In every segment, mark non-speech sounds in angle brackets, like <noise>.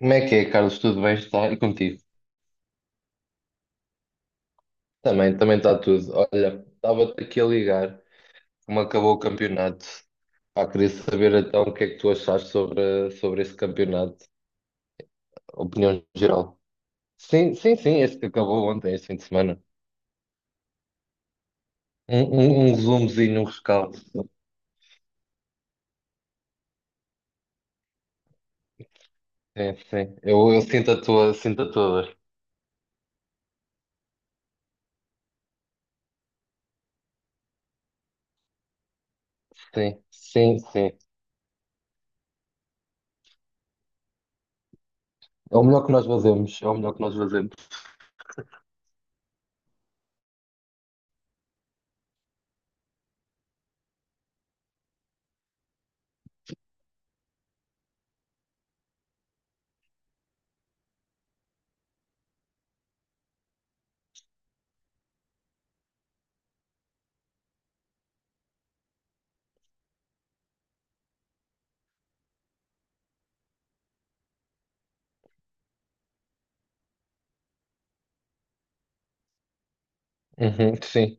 Como é que é, Carlos? Tudo bem? Está? E contigo? Também está tudo. Olha, estava-te aqui a ligar, como acabou o campeonato. Pá, queria saber então o que é que tu achaste sobre esse campeonato, opinião geral. Sim, sim, sim, este que acabou ontem, este fim de semana. Um resumozinho, um rescaldo. Sim, sim. Eu sinto a sinto a tua dor. Sim, sim, sim. É o melhor que nós fazemos, é o melhor que nós fazemos. Uhum, sim,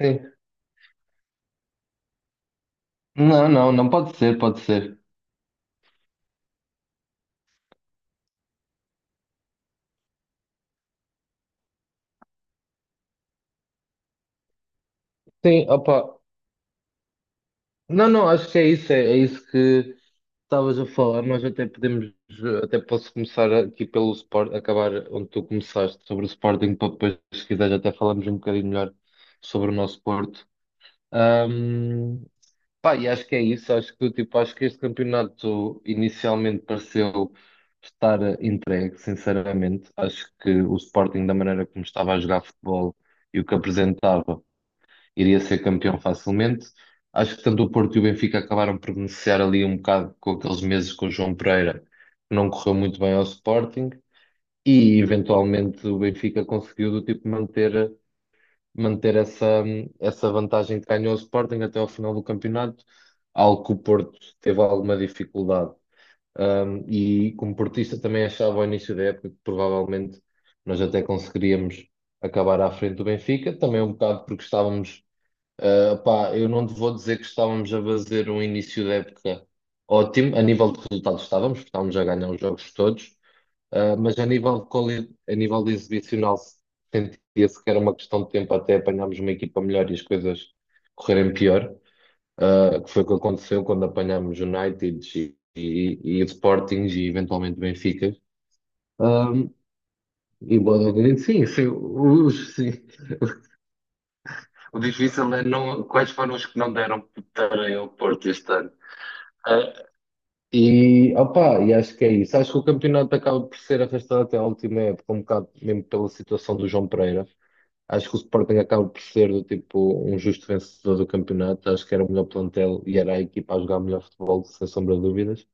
sim. Não, não, não pode ser, pode ser. Sim, opa. Não, não, acho que é isso, é isso que estavas a falar. Nós até podemos, até posso começar aqui pelo Sport, acabar onde tu começaste sobre o Sporting, para depois, se quiseres, até falarmos um bocadinho melhor sobre o nosso Porto. Ahm, pá, e acho que é isso, acho que, tipo, acho que este campeonato inicialmente pareceu estar entregue, sinceramente. Acho que o Sporting, da maneira como estava a jogar futebol e o que apresentava iria ser campeão facilmente. Acho que tanto o Porto e o Benfica acabaram por beneficiar ali um bocado com aqueles meses com o João Pereira, que não correu muito bem ao Sporting, e eventualmente o Benfica conseguiu do tipo manter essa vantagem que ganhou ao Sporting até ao final do campeonato, algo que o Porto teve alguma dificuldade. E como portista também achava ao início da época que provavelmente nós até conseguiríamos acabar à frente do Benfica, também um bocado porque estávamos. Pá, eu não te vou dizer que estávamos a fazer um início de época ótimo. A nível de resultados estávamos, porque estávamos a ganhar os jogos todos. Mas a nível de a nível de exibicional sentia-se que era uma questão de tempo até apanharmos uma equipa melhor e as coisas correrem pior. Que foi o que aconteceu quando apanhámos United e Sporting e eventualmente Benfica. Um, e Bodo, sim, sim, sim. O difícil é não, quais foram os que não deram para o Porto este ano. É. E, opa, e acho que é isso. Acho que o campeonato acaba por ser arrastado até à última época, um bocado mesmo pela situação do João Pereira. Acho que o Sporting acaba por ser do tipo um justo vencedor do campeonato. Acho que era o melhor plantel e era a equipa a jogar melhor futebol, sem sombra de dúvidas.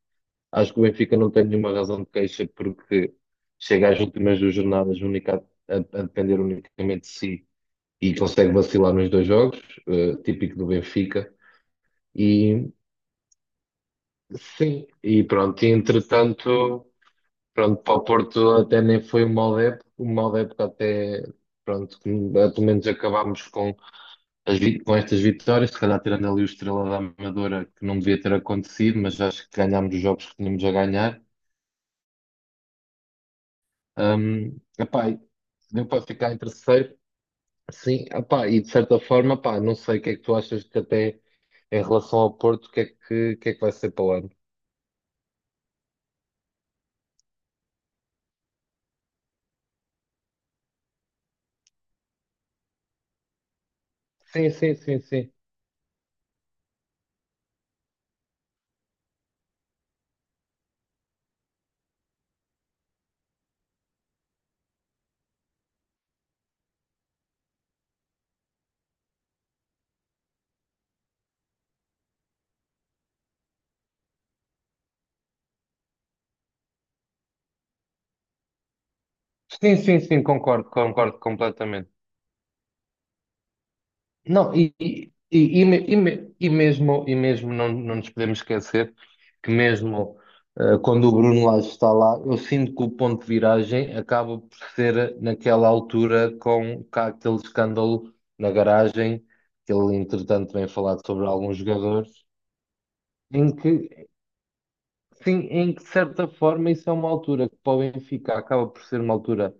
Acho que o Benfica não tem nenhuma razão de queixa porque chega às últimas duas jornadas única, a depender unicamente de si e consegue vacilar nos dois jogos, típico do Benfica. E sim, e pronto, e entretanto. Pronto, para o Porto até nem foi uma mal época até, pronto, que, pelo menos acabámos com, as, com estas vitórias, se calhar tirando ali o Estrela da Amadora, que não devia ter acontecido, mas acho que ganhámos os jogos que tínhamos a ganhar. Epá, e deu para ficar em terceiro, sim, epá, e de certa forma, epá, não sei o que é que tu achas que até em relação ao Porto, o que é que, o que é que vai ser para o ano? Sim, sim, sim, sim. Sim, sim, sim, concordo, concordo completamente. Não, e mesmo, não, não nos podemos esquecer que mesmo quando o Bruno Lage está lá, eu sinto que o ponto de viragem acaba por ser naquela altura com cá aquele escândalo na garagem, que ele entretanto tem falado sobre alguns jogadores, em que, sim, em que de certa forma isso é uma altura que para o Benfica acaba por ser uma altura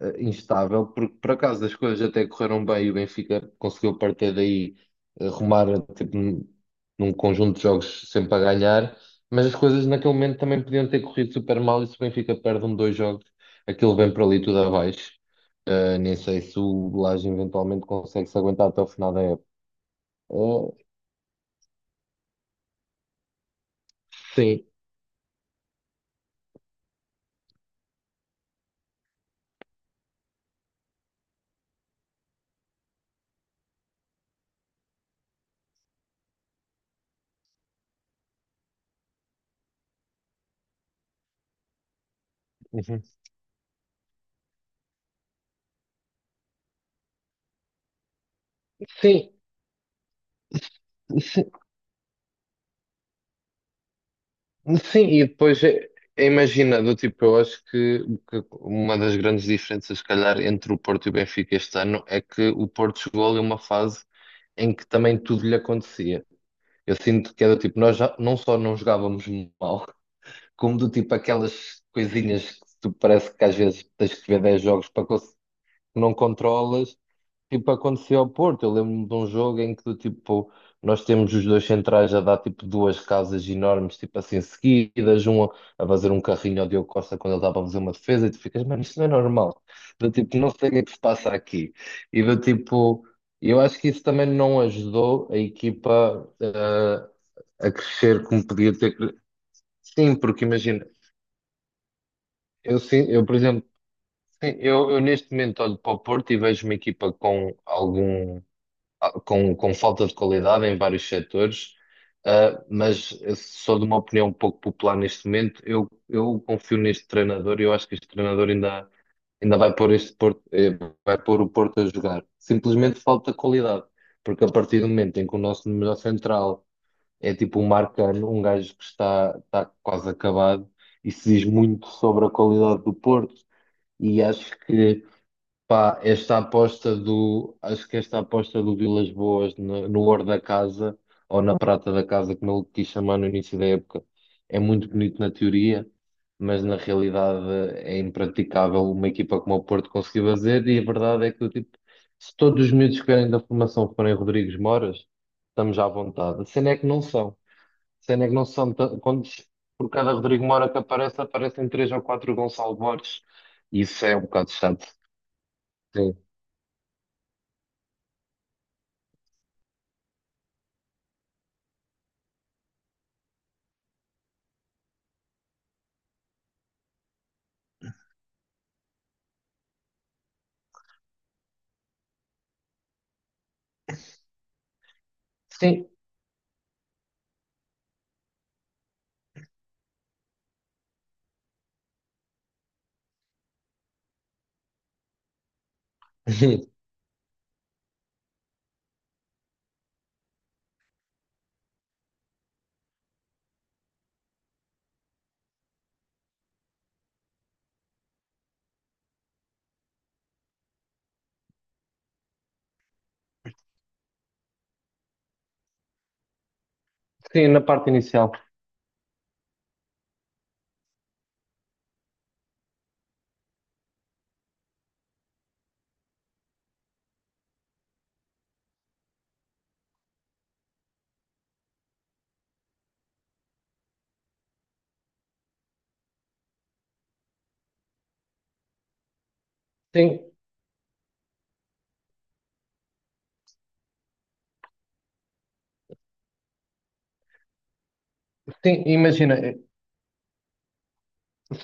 instável, porque por acaso as coisas até correram bem e o Benfica conseguiu a partir daí rumar tipo, num conjunto de jogos sempre a ganhar, mas as coisas naquele momento também podiam ter corrido super mal e se o Benfica perde um, dois jogos, aquilo vem para ali tudo abaixo. Nem sei se o Lage eventualmente consegue se aguentar até o final da época. Eh, sim. Uhum. Sim, sim, e depois imagina, do tipo, eu acho que uma das grandes diferenças, se calhar, entre o Porto e o Benfica este ano é que o Porto chegou ali a uma fase em que também tudo lhe acontecia. Eu sinto que é do tipo, nós já, não só não jogávamos mal, <laughs> como do tipo aquelas coisinhas que tu parece que às vezes tens que ver 10 jogos para que não controlas. Tipo, aconteceu ao Porto. Eu lembro-me de um jogo em que, do tipo, nós temos os dois centrais a dar, tipo, duas casas enormes, tipo assim, seguidas. Um a fazer um carrinho ao Diogo Costa quando ele estava a fazer uma defesa. E tu ficas, mano, isto não é normal. Do tipo, não sei o que é que se passa aqui. E do tipo, eu acho que isso também não ajudou a equipa, a crescer como podia ter. Sim, porque imagina, por exemplo, sim, eu neste momento olho para o Porto e vejo uma equipa com algum. Com falta de qualidade em vários setores, mas eu sou de uma opinião um pouco popular neste momento. Eu confio neste treinador e eu acho que este treinador ainda vai pôr este Porto, vai pôr o Porto a jogar. Simplesmente falta qualidade, porque a partir do momento em que o nosso número central é tipo um Marcano, um gajo que está quase acabado, isso diz muito sobre a qualidade do Porto. E acho que pá, acho que esta aposta do Vilas Boas no ouro da casa, ou na prata da casa, como ele quis chamar no início da época, é muito bonito na teoria, mas na realidade é impraticável uma equipa como o Porto conseguir fazer, e a verdade é que, tipo, se todos os miúdos que vierem da formação forem Rodrigues Moras, estamos à vontade. A cena é que não são. A cena é que não são. Quando, por cada Rodrigo Mora que aparece, aparecem três ou quatro Gonçalo Borges, e isso é um bocado chato. Sim. Sim, sim, sim, na parte inicial. Sim, sim, imagina,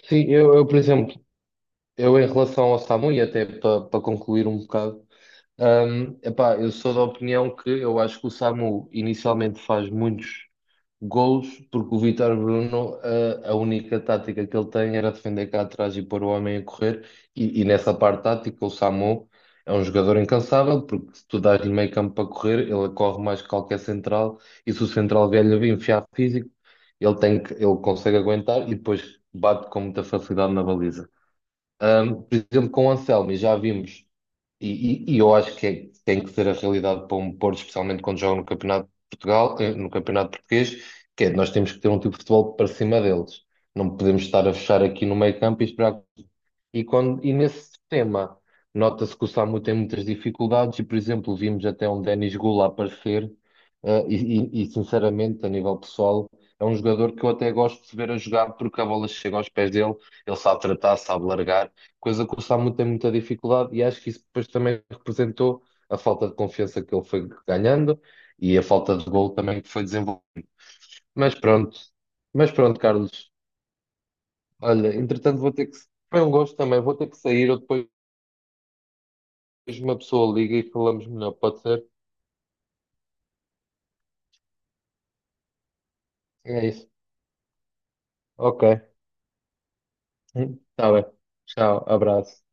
sim, eu, por exemplo, eu em relação ao SAMU, e até para concluir um bocado. Epá, eu sou da opinião que eu acho que o Samu inicialmente faz muitos gols, porque o Vítor Bruno, a única tática que ele tem era defender cá atrás e pôr o homem a correr, e nessa parte tática o Samu é um jogador incansável, porque se tu dás-lhe meio campo para correr, ele corre mais que qualquer central, e se o central velho lhe a enfiar físico, ele tem que, ele consegue aguentar e depois bate com muita facilidade na baliza. Por exemplo, com o Anselmo, e já vimos, eu acho que tem que ser a realidade para um Porto, especialmente quando joga no Campeonato de Portugal, no Campeonato Português, que é nós temos que ter um tipo de futebol para cima deles. Não podemos estar a fechar aqui no meio campo e esperar quando, e nesse sistema, nota-se que o SAMU tem muitas dificuldades e, por exemplo, vimos até um Denis Gula aparecer, sinceramente, a nível pessoal, é um jogador que eu até gosto de ver a jogar porque a bola chega aos pés dele, ele sabe tratar, sabe largar, coisa que o SAMU tem muita dificuldade e acho que isso depois também representou a falta de confiança que ele foi ganhando e a falta de gol também que foi desenvolvendo. Mas pronto, mas pronto, Carlos. Olha, entretanto vou ter que. Foi um gosto também, vou ter que sair, eu depois. Depois uma pessoa liga e falamos melhor, pode ser? É isso. Ok. Tá bem. Tchau, abraço.